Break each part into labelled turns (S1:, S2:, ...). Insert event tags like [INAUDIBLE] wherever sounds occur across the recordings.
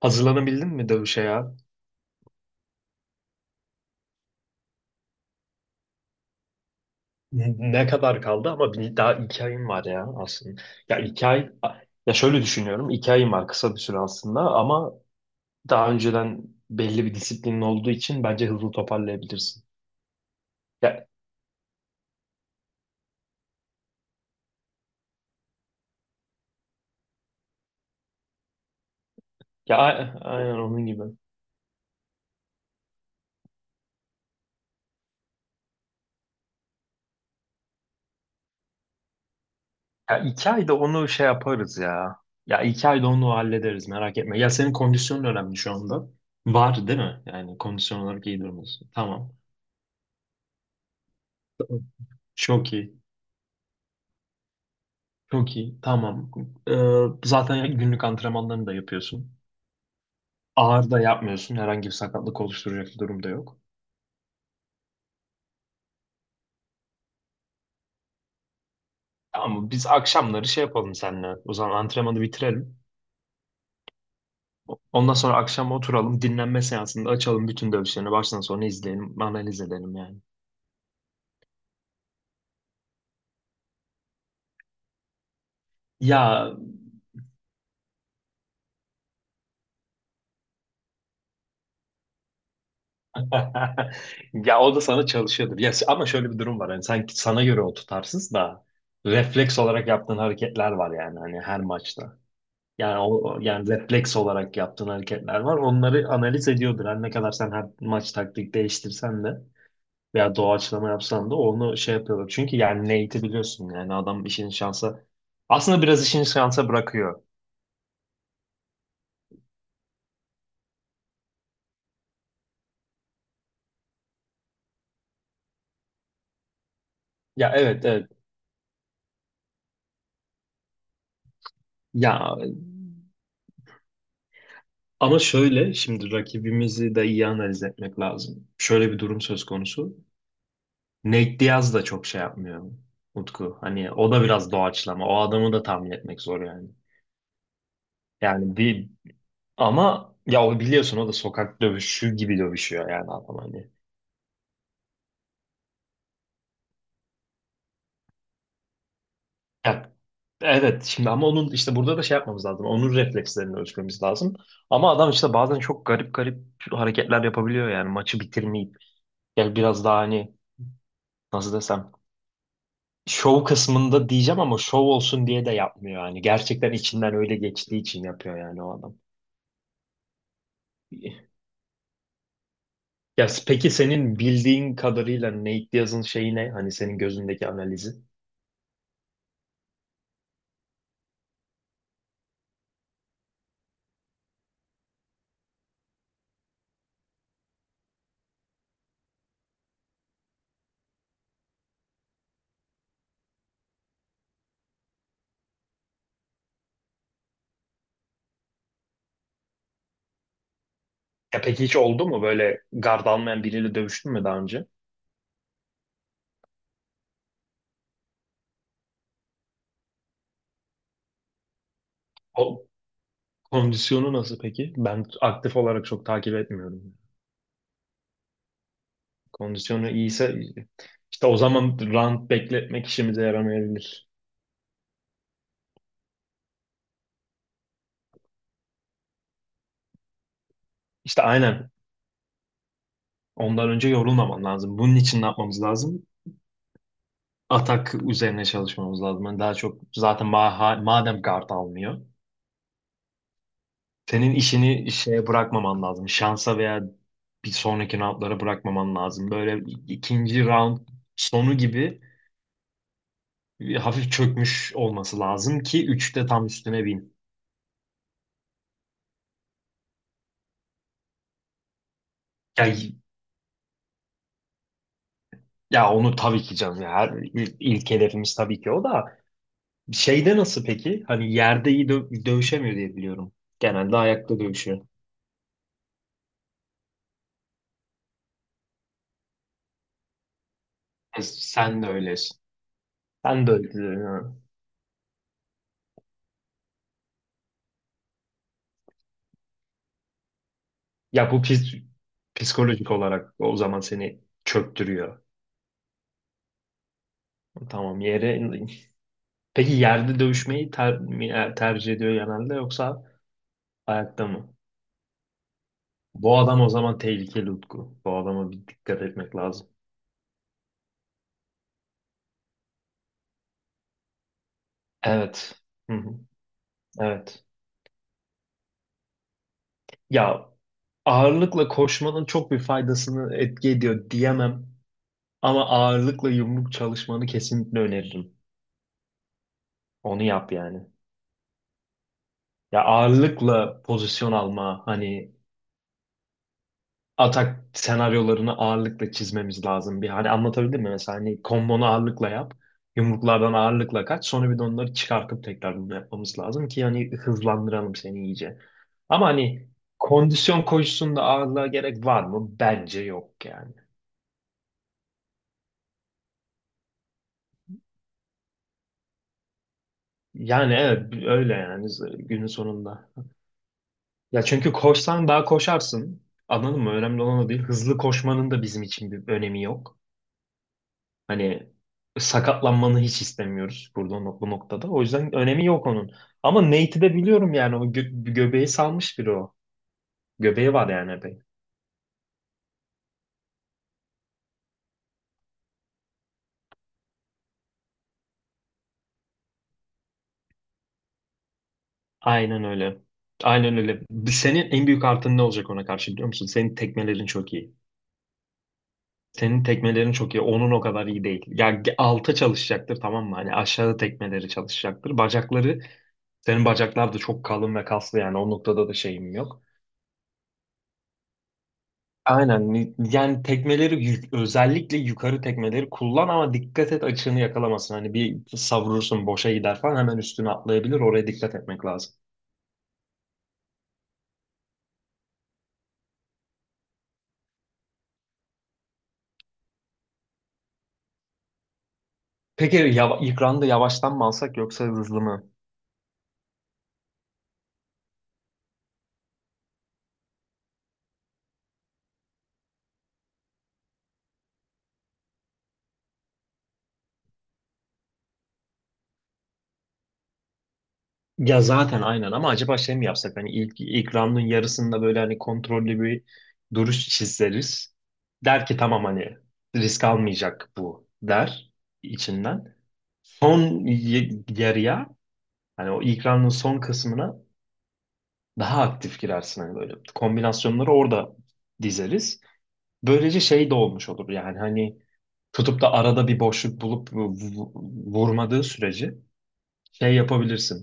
S1: Hazırlanabildin mi dövüşe ya? Ne kadar kaldı ama daha 2 ayın var ya aslında. Ya 2 ay, ya şöyle düşünüyorum. 2 ayın var, kısa bir süre aslında, ama daha önceden belli bir disiplinin olduğu için bence hızlı toparlayabilirsin. ya aynen onun gibi. Ya 2 ayda onu şey yaparız ya. Ya iki ayda onu hallederiz, merak etme. Ya senin kondisyonun önemli şu anda. Var değil mi? Yani kondisyon olarak iyi durumdasın. Tamam. Tamam. Çok iyi. Çok iyi. Tamam. Zaten günlük antrenmanlarını da yapıyorsun. Ağır da yapmıyorsun. Herhangi bir sakatlık oluşturacak bir durum da yok. Ama biz akşamları şey yapalım seninle. O zaman antrenmanı bitirelim. Ondan sonra akşam oturalım. Dinlenme seansında açalım bütün dövüşlerini. Baştan sona izleyelim. Analiz edelim yani. Ya [LAUGHS] ya o da sana çalışıyordur. Ya ama şöyle bir durum var. Hani sanki sana göre o tutarsız da, refleks olarak yaptığın hareketler var yani hani her maçta. Yani o, yani refleks olarak yaptığın hareketler var. Onları analiz ediyordur. Her ne kadar sen her maç taktik değiştirsen de veya doğaçlama yapsan da onu şey yapıyorlar. Çünkü yani Nate'i biliyorsun yani, adam işini şansa aslında biraz işini şansa bırakıyor. Ya, evet evet. Ya ama şöyle, şimdi rakibimizi de iyi analiz etmek lazım. Şöyle bir durum söz konusu. Nate Diaz da çok şey yapmıyor Utku. Hani o da biraz doğaçlama. O adamı da tahmin etmek zor yani. Yani bir Ama ya, o biliyorsun, o da sokak dövüşü gibi dövüşüyor yani adam, hani. Ya, evet, şimdi ama onun işte burada da şey yapmamız lazım. Onun reflekslerini ölçmemiz lazım. Ama adam işte bazen çok garip garip hareketler yapabiliyor yani, maçı bitirmeyip. Yani biraz daha, hani nasıl desem, şov kısmında diyeceğim ama şov olsun diye de yapmıyor yani. Gerçekten içinden öyle geçtiği için yapıyor yani, o adam. Ya peki senin bildiğin kadarıyla Nate Diaz'ın şeyi ne? Hani senin gözündeki analizi. Ya peki hiç oldu mu, böyle gard almayan biriyle dövüştün mü daha önce? O kondisyonu nasıl peki? Ben aktif olarak çok takip etmiyorum. Kondisyonu iyiyse işte o zaman round bekletmek işimize yaramayabilir. İşte aynen. Ondan önce yorulmaman lazım. Bunun için ne yapmamız lazım? Atak üzerine çalışmamız lazım. Yani daha çok, zaten madem guard almıyor. Senin işini şeye bırakmaman lazım. Şansa veya bir sonraki roundlara bırakmaman lazım. Böyle ikinci round sonu gibi bir hafif çökmüş olması lazım ki üçte tam üstüne bin. Ya, ya, onu tabii ki canım ya. İlk hedefimiz tabii ki o da. Şeyde nasıl peki? Hani yerde iyi dövüşemiyor diye biliyorum. Genelde ayakta dövüşüyor. Sen de öylesin. Sen de öylesin, ha. Ya, bu psikolojik olarak o zaman seni çöktürüyor. Tamam, yere. Peki yerde dövüşmeyi tercih ediyor genelde, yoksa ayakta mı? Bu adam o zaman tehlikeli Utku. Bu adama bir dikkat etmek lazım. Evet. Hı hı. Evet. Ya, ağırlıkla koşmanın çok bir faydasını etki ediyor diyemem. Ama ağırlıkla yumruk çalışmanı kesinlikle öneririm. Onu yap yani. Ya ağırlıkla pozisyon alma, hani atak senaryolarını ağırlıkla çizmemiz lazım. Bir hani, anlatabildim mi? Mesela hani kombonu ağırlıkla yap. Yumruklardan ağırlıkla kaç. Sonra bir de onları çıkartıp tekrar bunu yapmamız lazım ki hani hızlandıralım seni iyice. Ama hani kondisyon koşusunda ağırlığa gerek var mı? Bence yok yani. Yani evet, öyle yani, günün sonunda. Ya çünkü koşsan daha koşarsın. Anladın mı? Önemli olan o değil. Hızlı koşmanın da bizim için bir önemi yok. Hani sakatlanmanı hiç istemiyoruz burada, bu noktada. O yüzden önemi yok onun. Ama Nate'i de biliyorum yani, o göbeği salmış biri o. Göbeği var yani epey. Aynen öyle. Aynen öyle. Senin en büyük artın ne olacak ona karşı, biliyor musun? Senin tekmelerin çok iyi. Senin tekmelerin çok iyi. Onun o kadar iyi değil. Ya alta çalışacaktır, tamam mı? Hani aşağı tekmeleri çalışacaktır. Bacakları, senin bacaklar da çok kalın ve kaslı yani, o noktada da şeyim yok. Aynen. Yani tekmeleri, özellikle yukarı tekmeleri kullan, ama dikkat et açığını yakalamasın. Hani bir savrursun, boşa gider falan, hemen üstüne atlayabilir. Oraya dikkat etmek lazım. Peki ilk round'u yavaştan mı alsak yoksa hızlı mı? Ya zaten aynen, ama acaba şey mi yapsak? Hani ilk round'un yarısında böyle hani kontrollü bir duruş çizeriz. Der ki tamam, hani risk almayacak bu, der içinden. Son yarıya, hani o ilk round'un son kısmına daha aktif girersin, hani böyle kombinasyonları orada dizeriz. Böylece şey de olmuş olur yani, hani tutup da arada bir boşluk bulup vurmadığı sürece şey yapabilirsin.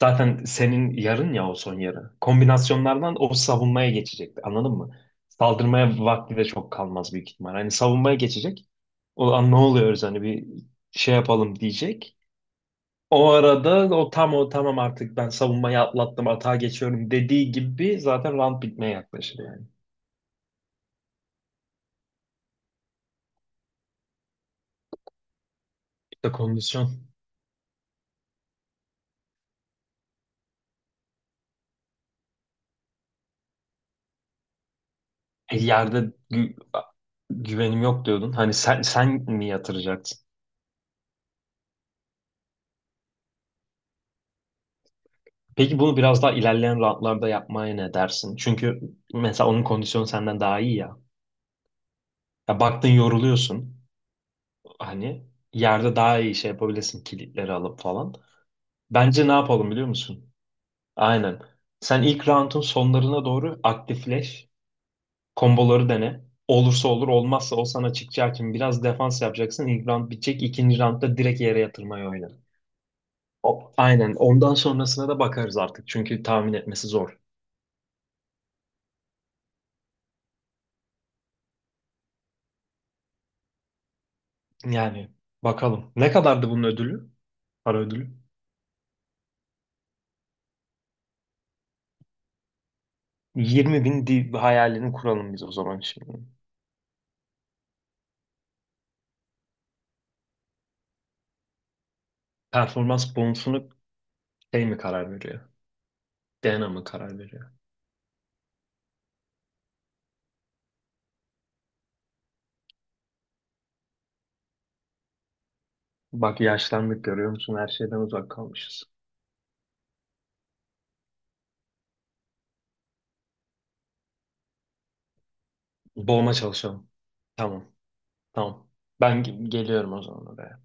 S1: Zaten senin yarın ya o son yarı. Kombinasyonlardan o savunmaya geçecek. Anladın mı? Saldırmaya vakti de çok kalmaz büyük ihtimal. Hani savunmaya geçecek. O an ne oluyoruz, hani bir şey yapalım diyecek. O arada o, tam o, tamam artık ben savunmayı atlattım, atağa geçiyorum dediği gibi zaten round bitmeye yaklaşır yani. İşte kondisyon. Yerde güvenim yok diyordun. Hani sen mi yatıracaksın? Peki bunu biraz daha ilerleyen roundlarda yapmaya ne dersin? Çünkü mesela onun kondisyonu senden daha iyi ya. Ya baktın yoruluyorsun. Hani yerde daha iyi şey yapabilirsin, kilitleri alıp falan. Bence ne yapalım biliyor musun? Aynen. Sen ilk roundun sonlarına doğru aktifleş. Komboları dene. Olursa olur, olmazsa o sana çıkacağı için biraz defans yapacaksın. İlk round bitecek. İkinci roundda direkt yere yatırmayı oyna. O, aynen. Ondan sonrasına da bakarız artık. Çünkü tahmin etmesi zor. Yani bakalım. Ne kadardı bunun ödülü? Para ödülü. 20 bin hayalini kuralım biz o zaman şimdi. Performans bonusunu şey mi karar veriyor? DNA mı karar veriyor? Bak yaşlandık, görüyor musun? Her şeyden uzak kalmışız. Boğma çalışalım. Tamam. Tamam. Ben geliyorum o zaman oraya.